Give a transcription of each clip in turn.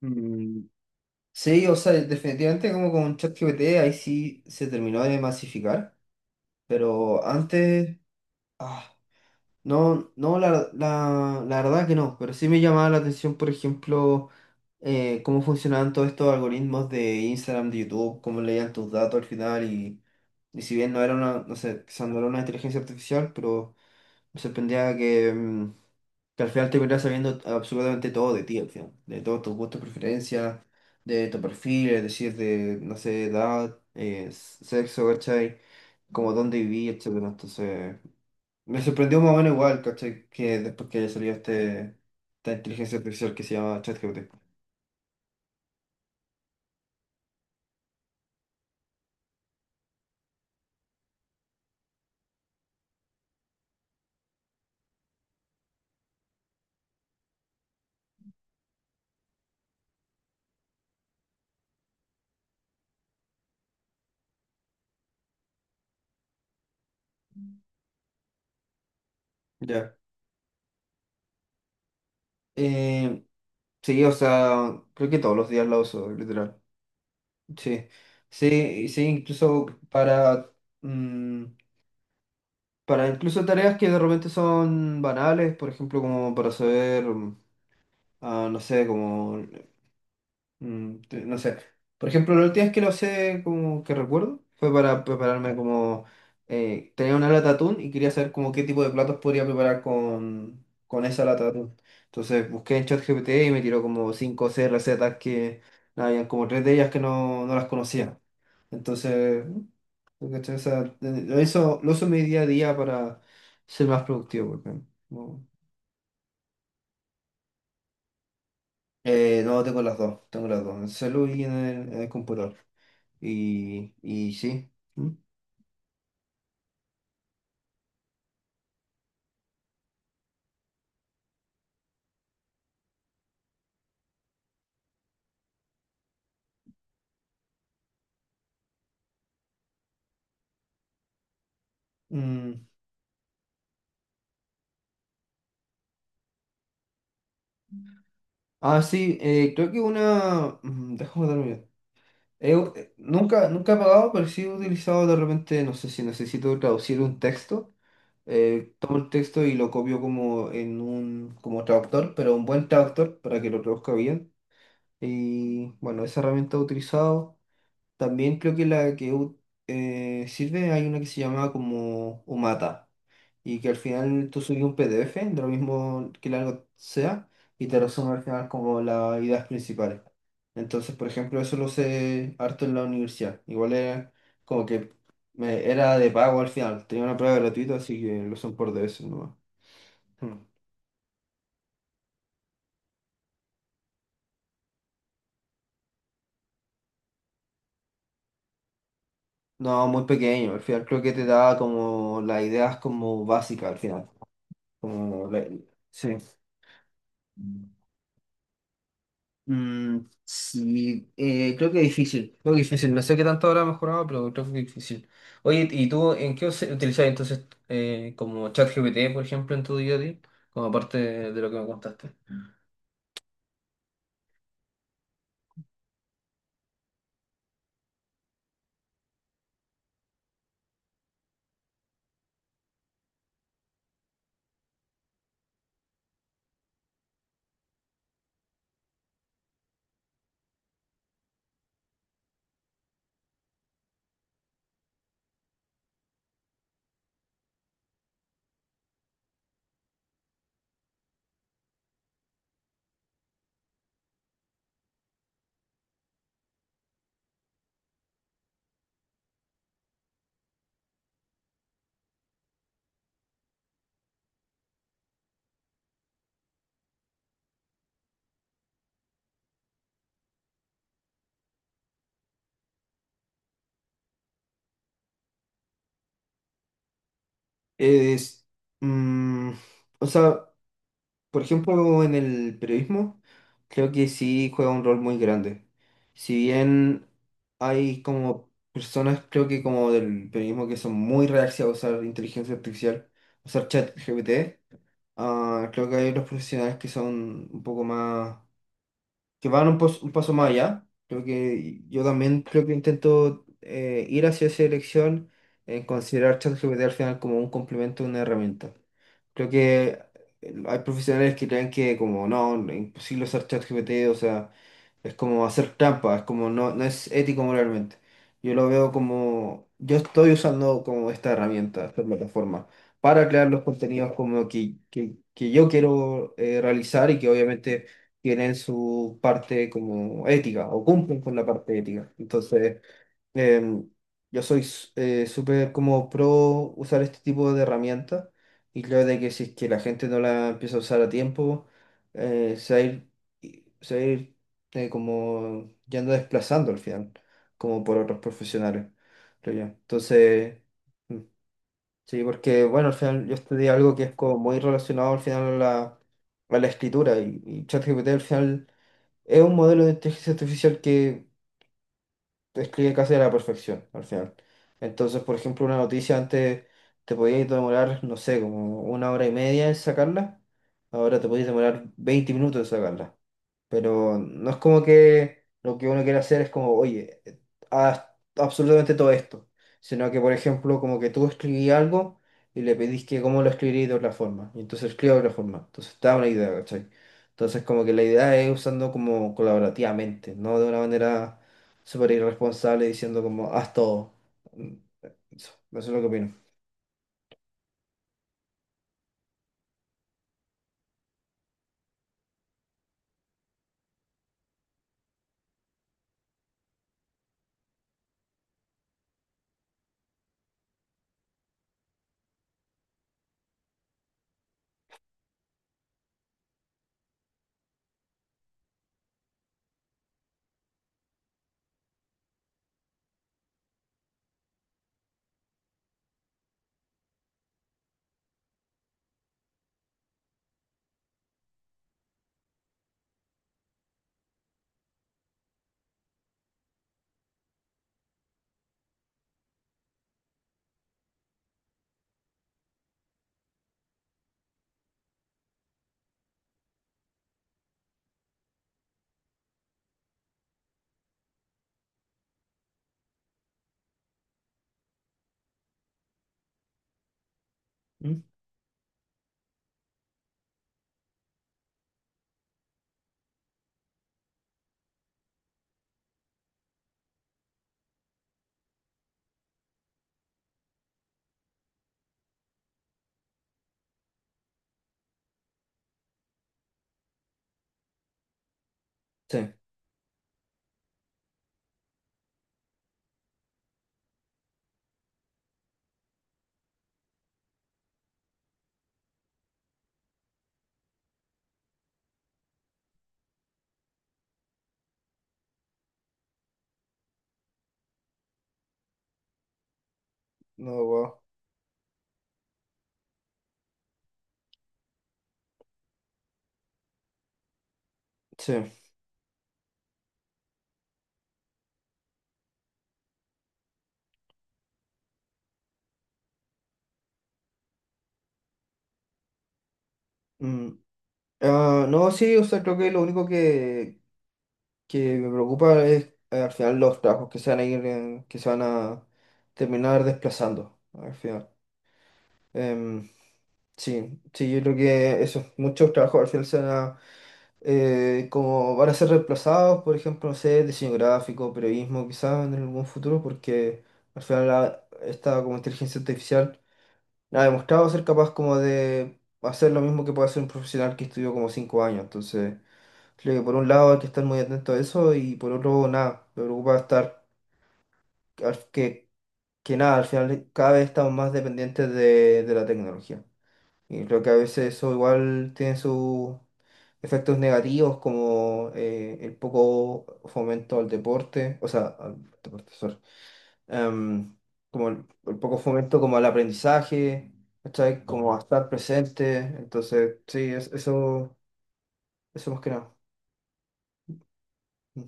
Mm. Sí, o sea, definitivamente como con ChatGPT ahí sí se terminó de masificar, pero antes, ah, no, no, la verdad que no, pero sí me llamaba la atención, por ejemplo, cómo funcionaban todos estos algoritmos de Instagram, de YouTube, cómo leían tus datos al final y si bien no era una, no sé, quizás no una inteligencia artificial, pero... Me sorprendía que, al final te terminara sabiendo absolutamente todo de ti, al final. De todos tus gustos, preferencias, de tu perfil, es decir, de, no sé, edad, sexo, ¿cachai? Como dónde viví, etcétera. Entonces, me sorprendió más o menos igual, ¿cachai? Que después que salió esta inteligencia artificial que se llama ChatGPT. Ya. Eh, sí, o sea, creo que todos los días la uso, literal. Sí. Sí, y sí, incluso mm, para incluso tareas que de repente son banales, por ejemplo, como para saber, no sé, como, no sé. Por ejemplo, la última vez que lo sé, como que recuerdo, fue para prepararme como, tenía una lata de atún y quería saber como qué tipo de platos podría preparar con esa lata de atún. Entonces busqué en ChatGPT y me tiró como 5 o 6 recetas que, nada, habían como tres de ellas que no, no las conocía. Entonces, ¿no? ¿Cachai? O sea, lo uso en mi día a día para ser más productivo, porque no, no, tengo las dos, en el celu y en el, computador. Y sí. ¿Mm? Mm. Ah, sí, creo que una. Déjame darme. Nunca, nunca he pagado, pero sí he utilizado de repente, no sé si necesito traducir un texto. Tomo el texto y lo copio como en un como traductor, pero un buen traductor para que lo traduzca bien. Y bueno, esa herramienta he utilizado. También creo que la que sirve, hay una que se llama como Umata. Y que al final tú subes un PDF de lo mismo que largo sea y te resume al final como las ideas principales. Entonces, por ejemplo, eso lo sé harto en la universidad. Igual era como que era de pago al final. Tenía una prueba gratuita, así que lo son por DS nomás. Mm. No, muy pequeño. Al final creo que te da como las ideas como básicas al final. Como la- sí. Mm, sí, creo que difícil, creo que difícil. No sé qué tanto habrá mejorado, pero creo que difícil. Oye, ¿y tú en qué utilizas entonces como ChatGPT, por ejemplo, en tu día a día? Como aparte de lo que me contaste. Es, mm, o sea, por ejemplo, en el periodismo, creo que sí juega un rol muy grande. Si bien hay como personas, creo que como del periodismo, que son muy reacias a usar inteligencia artificial, usar chat GPT, creo que hay otros profesionales que son un poco más, que van un paso más allá. Creo que yo también creo que intento ir hacia esa dirección en considerar ChatGPT al final como un complemento, una herramienta. Creo que hay profesionales que creen que como no, es imposible usar ChatGPT, o sea, es como hacer trampa, es como no, no es ético moralmente. Yo lo veo como, yo estoy usando como esta herramienta, esta plataforma, para crear los contenidos como que yo quiero realizar y que obviamente tienen su parte como ética o cumplen con la parte ética. Entonces, em, yo soy súper como pro usar este tipo de herramientas y creo de que si es que la gente no la empieza a usar a tiempo, eh, se va a ir, se va a ir como yendo desplazando al final, como por otros profesionales, creo yo. Entonces, mm, sí, porque bueno, al final yo estudié algo que es como muy relacionado al final a la, escritura y ChatGPT al final es un modelo de inteligencia artificial que describe casi a la perfección al final. Entonces, por ejemplo, una noticia antes te podías demorar, no sé, como una hora y media en sacarla, ahora te podías demorar 20 minutos en sacarla. Pero no es como que lo que uno quiere hacer es como, oye, haz absolutamente todo esto. Sino que, por ejemplo, como que tú escribí algo y le pedís que cómo lo escribí de otra forma. Y entonces escribo de otra forma. Entonces te da una idea, ¿cachai? Entonces como que la idea es usando como colaborativamente, no de una manera súper irresponsable diciendo como, haz todo. Mm, Eso, eso es lo que opino. ¿Mm? Sí, no, wow. Sí. Mm. Ah, no, sí, o sea, creo que lo único que me preocupa es al final los trabajos que se van a ir, que se van a terminar desplazando al final. Em, sí, sí, yo creo que esos muchos trabajos al final como van a ser reemplazados, por ejemplo, no sé, diseño gráfico, periodismo, quizás en algún futuro, porque al final esta como inteligencia artificial no ha demostrado ser capaz como de hacer lo mismo que puede hacer un profesional que estudió como 5 años, entonces. Creo que por un lado hay que estar muy atento a eso y por otro nada, me preocupa estar al- que, que nada, al final cada vez estamos más dependientes de, la tecnología. Y creo que a veces eso igual tiene sus efectos negativos como el poco fomento al deporte, o sea, al deporte, sorry, em, como el poco fomento como al aprendizaje, ¿cachai? Como a estar presente. Entonces, sí, eso, eso más que nada. Mm,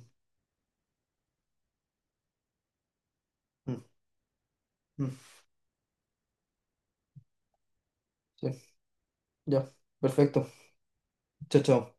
mm, mm, sí. Ya, perfecto. Chao, chao.